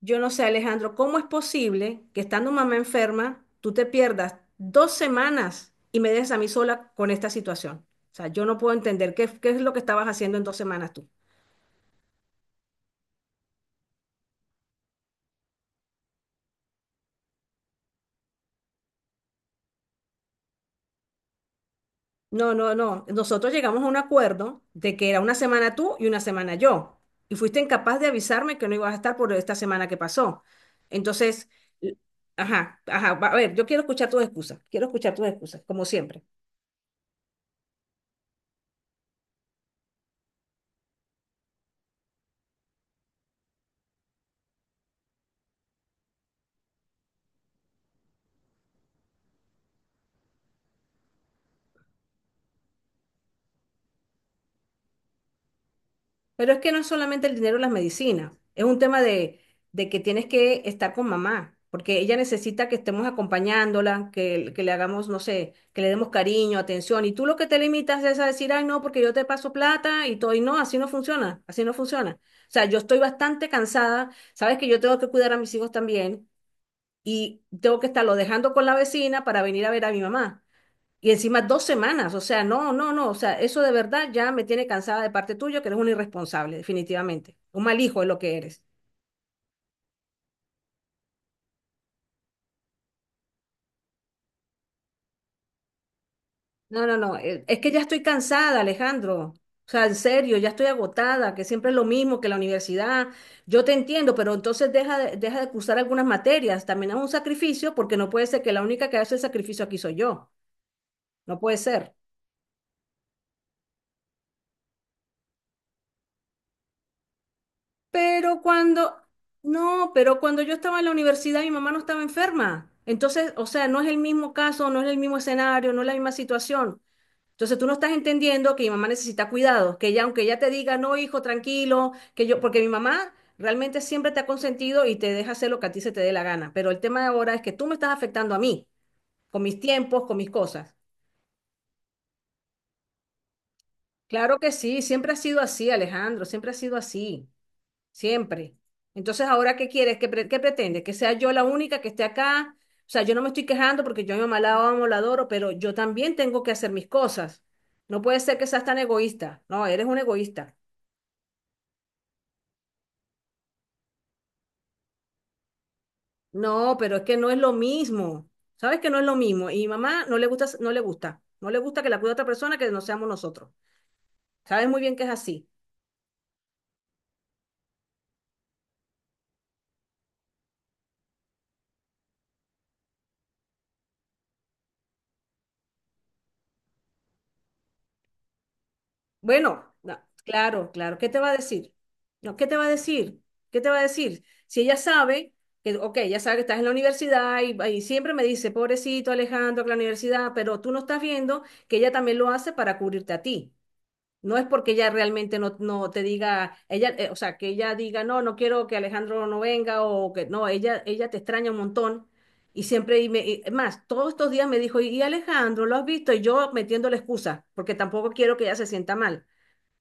Yo no sé, Alejandro, ¿cómo es posible que estando mamá enferma, tú te pierdas 2 semanas y me dejes a mí sola con esta situación? O sea, yo no puedo entender qué es lo que estabas haciendo en 2 semanas tú. No, no, no. Nosotros llegamos a un acuerdo de que era una semana tú y una semana yo. Y fuiste incapaz de avisarme que no ibas a estar por esta semana que pasó. Entonces, l- ajá, ajá, a ver, yo quiero escuchar tus excusas. Quiero escuchar tus excusas, como siempre. Pero es que no es solamente el dinero y las medicinas, es un tema de que tienes que estar con mamá, porque ella necesita que estemos acompañándola, que le hagamos, no sé, que le demos cariño, atención, y tú lo que te limitas es a decir, ay, no, porque yo te paso plata y todo, y no, así no funciona, así no funciona. O sea, yo estoy bastante cansada, sabes que yo tengo que cuidar a mis hijos también, y tengo que estarlo dejando con la vecina para venir a ver a mi mamá. Y encima 2 semanas, o sea, no, no, no, o sea, eso de verdad ya me tiene cansada de parte tuya, que eres un irresponsable, definitivamente. Un mal hijo es lo que eres. No, no, no, es que ya estoy cansada, Alejandro. O sea, en serio, ya estoy agotada, que siempre es lo mismo que la universidad. Yo te entiendo, pero entonces deja de cursar algunas materias. También es un sacrificio porque no puede ser que la única que hace el sacrificio aquí soy yo. No puede ser. Pero cuando, no, pero cuando yo estaba en la universidad, mi mamá no estaba enferma. Entonces, o sea, no es el mismo caso, no es el mismo escenario, no es la misma situación. Entonces, tú no estás entendiendo que mi mamá necesita cuidados, que ella, aunque ella te diga, no, hijo, tranquilo, que yo, porque mi mamá realmente siempre te ha consentido y te deja hacer lo que a ti se te dé la gana. Pero el tema de ahora es que tú me estás afectando a mí, con mis tiempos, con mis cosas. Claro que sí, siempre ha sido así, Alejandro, siempre ha sido así. Siempre. Entonces, ¿ahora qué quieres? ¿Qué pretendes? ¿Que sea yo la única que esté acá? O sea, yo no me estoy quejando porque yo a mi mamá la amo, la adoro, pero yo también tengo que hacer mis cosas. No puede ser que seas tan egoísta. No, eres un egoísta. No, pero es que no es lo mismo. ¿Sabes que no es lo mismo? Y mi mamá no le gusta, no le gusta. No le gusta que la cuide otra persona que no seamos nosotros. Sabes muy bien que es así. Bueno, no, claro, claro. ¿Qué te va a decir? No, ¿qué te va a decir? ¿Qué te va a decir? Si ella sabe que, ok, ella sabe que estás en la universidad y siempre me dice, pobrecito Alejandro, que la universidad, pero tú no estás viendo que ella también lo hace para cubrirte a ti. No es porque ella realmente no te diga, ella, o sea, que ella diga, no, no quiero que Alejandro no venga o que no, ella te extraña un montón. Y siempre, es más, todos estos días me dijo, y Alejandro, ¿lo has visto? Y yo metiendo la excusa, porque tampoco quiero que ella se sienta mal.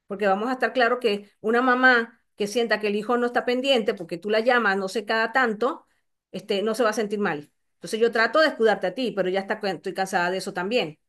Porque vamos a estar claro que una mamá que sienta que el hijo no está pendiente porque tú la llamas, no sé, cada tanto, no se va a sentir mal. Entonces yo trato de escudarte a ti, pero ya está, estoy cansada de eso también.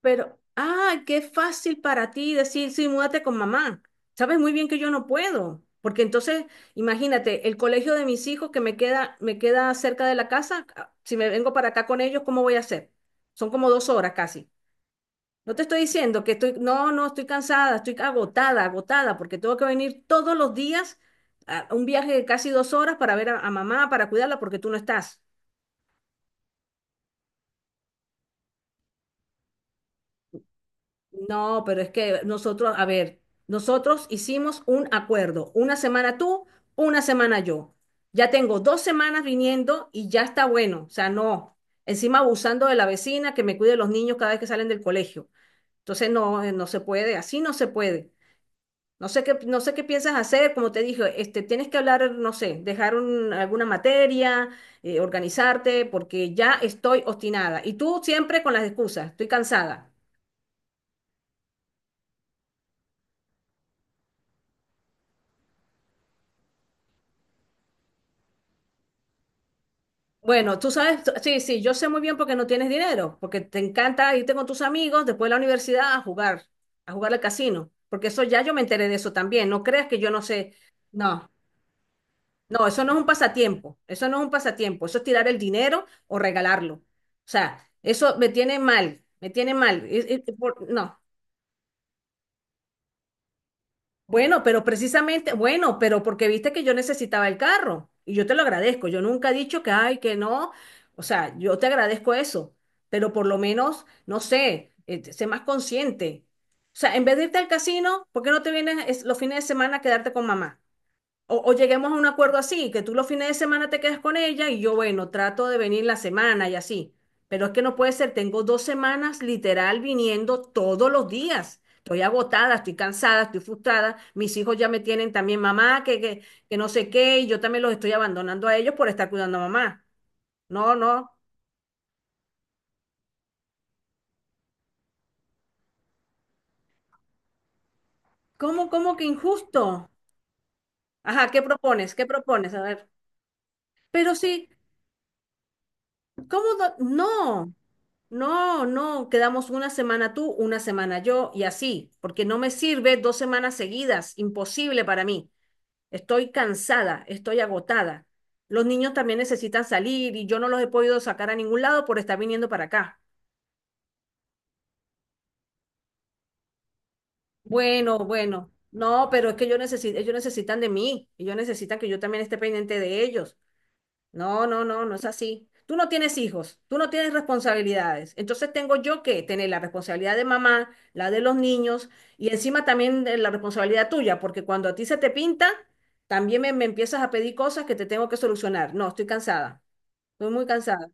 Pero, ah, qué fácil para ti decir, sí, múdate con mamá. Sabes muy bien que yo no puedo, porque entonces, imagínate, el colegio de mis hijos que me queda, cerca de la casa, ah, si me vengo para acá con ellos, ¿cómo voy a hacer? Son como 2 horas casi. No te estoy diciendo que estoy, no, no, estoy cansada, estoy agotada, agotada, porque tengo que venir todos los días a un viaje de casi 2 horas para ver a mamá, para cuidarla, porque tú no estás. No, pero es que nosotros, a ver, nosotros hicimos un acuerdo, una semana tú, una semana yo. Ya tengo 2 semanas viniendo y ya está bueno, o sea, no. Encima abusando de la vecina que me cuide los niños cada vez que salen del colegio. Entonces, no, no se puede, así no se puede. No sé qué piensas hacer, como te dije, tienes que hablar, no sé, dejar alguna materia, organizarte, porque ya estoy obstinada. Y tú siempre con las excusas, estoy cansada. Bueno, tú sabes, sí, sí, yo sé muy bien porque no tienes dinero, porque te encanta irte con tus amigos después de la universidad a jugar al casino, porque eso ya yo me enteré de eso también, no creas que yo no sé, no. No, eso no es un pasatiempo, eso no es un pasatiempo, eso es tirar el dinero o regalarlo. O sea, eso me tiene mal, me tiene mal. No, bueno, pero precisamente, bueno, pero porque viste que yo necesitaba el carro y yo te lo agradezco, yo nunca he dicho que, ay, que no, o sea, yo te agradezco eso, pero por lo menos, no sé, sé más consciente. O sea, en vez de irte al casino, ¿por qué no te vienes los fines de semana a quedarte con mamá? O lleguemos a un acuerdo así, que tú los fines de semana te quedes con ella y yo, bueno, trato de venir la semana y así. Pero es que no puede ser, tengo 2 semanas literal viniendo todos los días. Estoy agotada, estoy cansada, estoy frustrada. Mis hijos ya me tienen también mamá, que no sé qué, y yo también los estoy abandonando a ellos por estar cuidando a mamá. No, no. ¿Cómo que injusto? Ajá, ¿qué propones? ¿Qué propones? A ver. Pero sí, ¿cómo? No. No, no, quedamos una semana tú, una semana yo y así, porque no me sirve 2 semanas seguidas, imposible para mí. Estoy cansada, estoy agotada. Los niños también necesitan salir y yo no los he podido sacar a ningún lado por estar viniendo para acá. Bueno, bueno, no, pero es que ellos necesitan de mí, ellos necesitan que yo también esté pendiente de ellos. No, no, no, no es así. Tú no tienes hijos, tú no tienes responsabilidades. Entonces tengo yo que tener la responsabilidad de mamá, la de los niños y encima también de la responsabilidad tuya, porque cuando a ti se te pinta, también me empiezas a pedir cosas que te tengo que solucionar. No, estoy cansada, estoy muy cansada.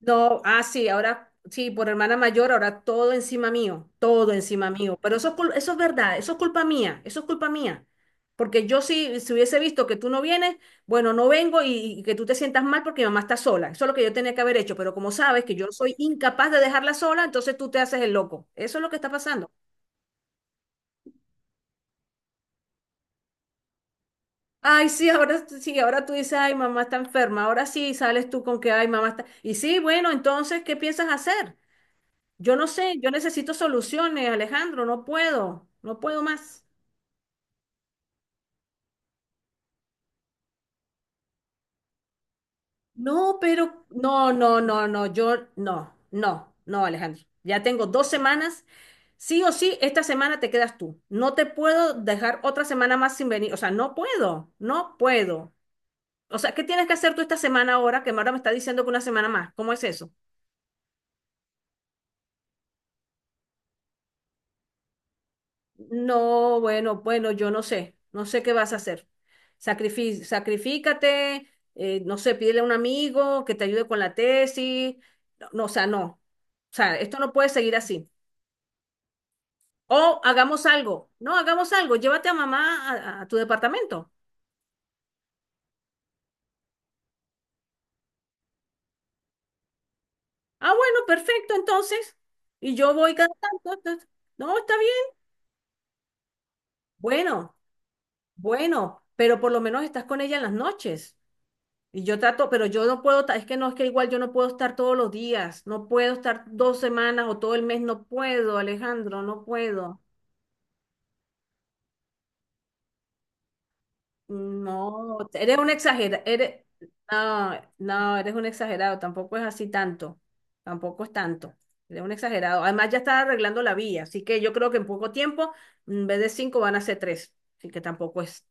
No, ah, sí, ahora sí, por hermana mayor, ahora todo encima mío, todo encima mío. Pero eso es verdad, eso es culpa mía, eso es culpa mía. Porque yo sí, si hubiese visto que tú no vienes, bueno, no vengo y que tú te sientas mal porque mi mamá está sola. Eso es lo que yo tenía que haber hecho. Pero como sabes que yo soy incapaz de dejarla sola, entonces tú te haces el loco. Eso es lo que está pasando. Ay, sí, ahora tú dices, ay, mamá está enferma. Ahora sí sales tú con que, ay, mamá está. Y sí, bueno, entonces, ¿qué piensas hacer? Yo no sé, yo necesito soluciones, Alejandro, no puedo, no puedo más. No, pero no, no, no, no, yo no, no, no, Alejandro. Ya tengo 2 semanas. Sí o sí, esta semana te quedas tú. No te puedo dejar otra semana más sin venir. O sea, no puedo, no puedo. O sea, ¿qué tienes que hacer tú esta semana ahora que ahora me está diciendo que una semana más? ¿Cómo es eso? No, bueno, bueno, yo no sé, no sé qué vas a hacer. Sacrifícate, no sé, pídele a un amigo que te ayude con la tesis. No, no, o sea, no. O sea, esto no puede seguir así. O hagamos algo. No, hagamos algo. Llévate a mamá a tu departamento. Ah, bueno, perfecto, entonces. Y yo voy cada tanto. Entonces, no, está bien. Bueno, bueno, pero por lo menos estás con ella en las noches. Y yo trato, pero yo no puedo, es que no, es que igual yo no puedo estar todos los días, no puedo estar 2 semanas o todo el mes, no puedo, Alejandro, no puedo. No, eres un exagerado, eres, no, no, eres un exagerado, tampoco es así tanto, tampoco es tanto, eres un exagerado. Además ya está arreglando la vía, así que yo creo que en poco tiempo, en vez de cinco van a ser tres, así que tampoco es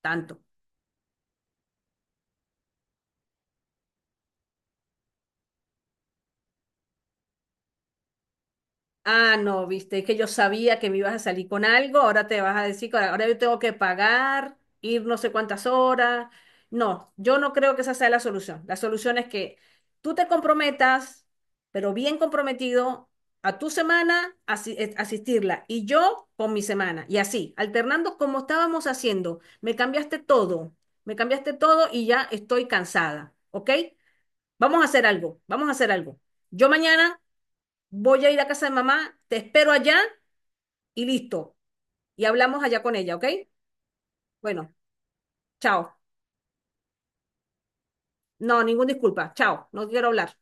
tanto. Ah, no, viste, es que yo sabía que me ibas a salir con algo, ahora te vas a decir que ahora yo tengo que pagar, ir no sé cuántas horas. No, yo no creo que esa sea la solución. La solución es que tú te comprometas, pero bien comprometido, a tu semana asistirla y yo con mi semana. Y así, alternando como estábamos haciendo. Me cambiaste todo y ya estoy cansada, ¿ok? Vamos a hacer algo, vamos a hacer algo. Yo mañana. Voy a ir a casa de mamá, te espero allá y listo. Y hablamos allá con ella, ¿ok? Bueno, chao. No, ninguna disculpa. Chao, no quiero hablar.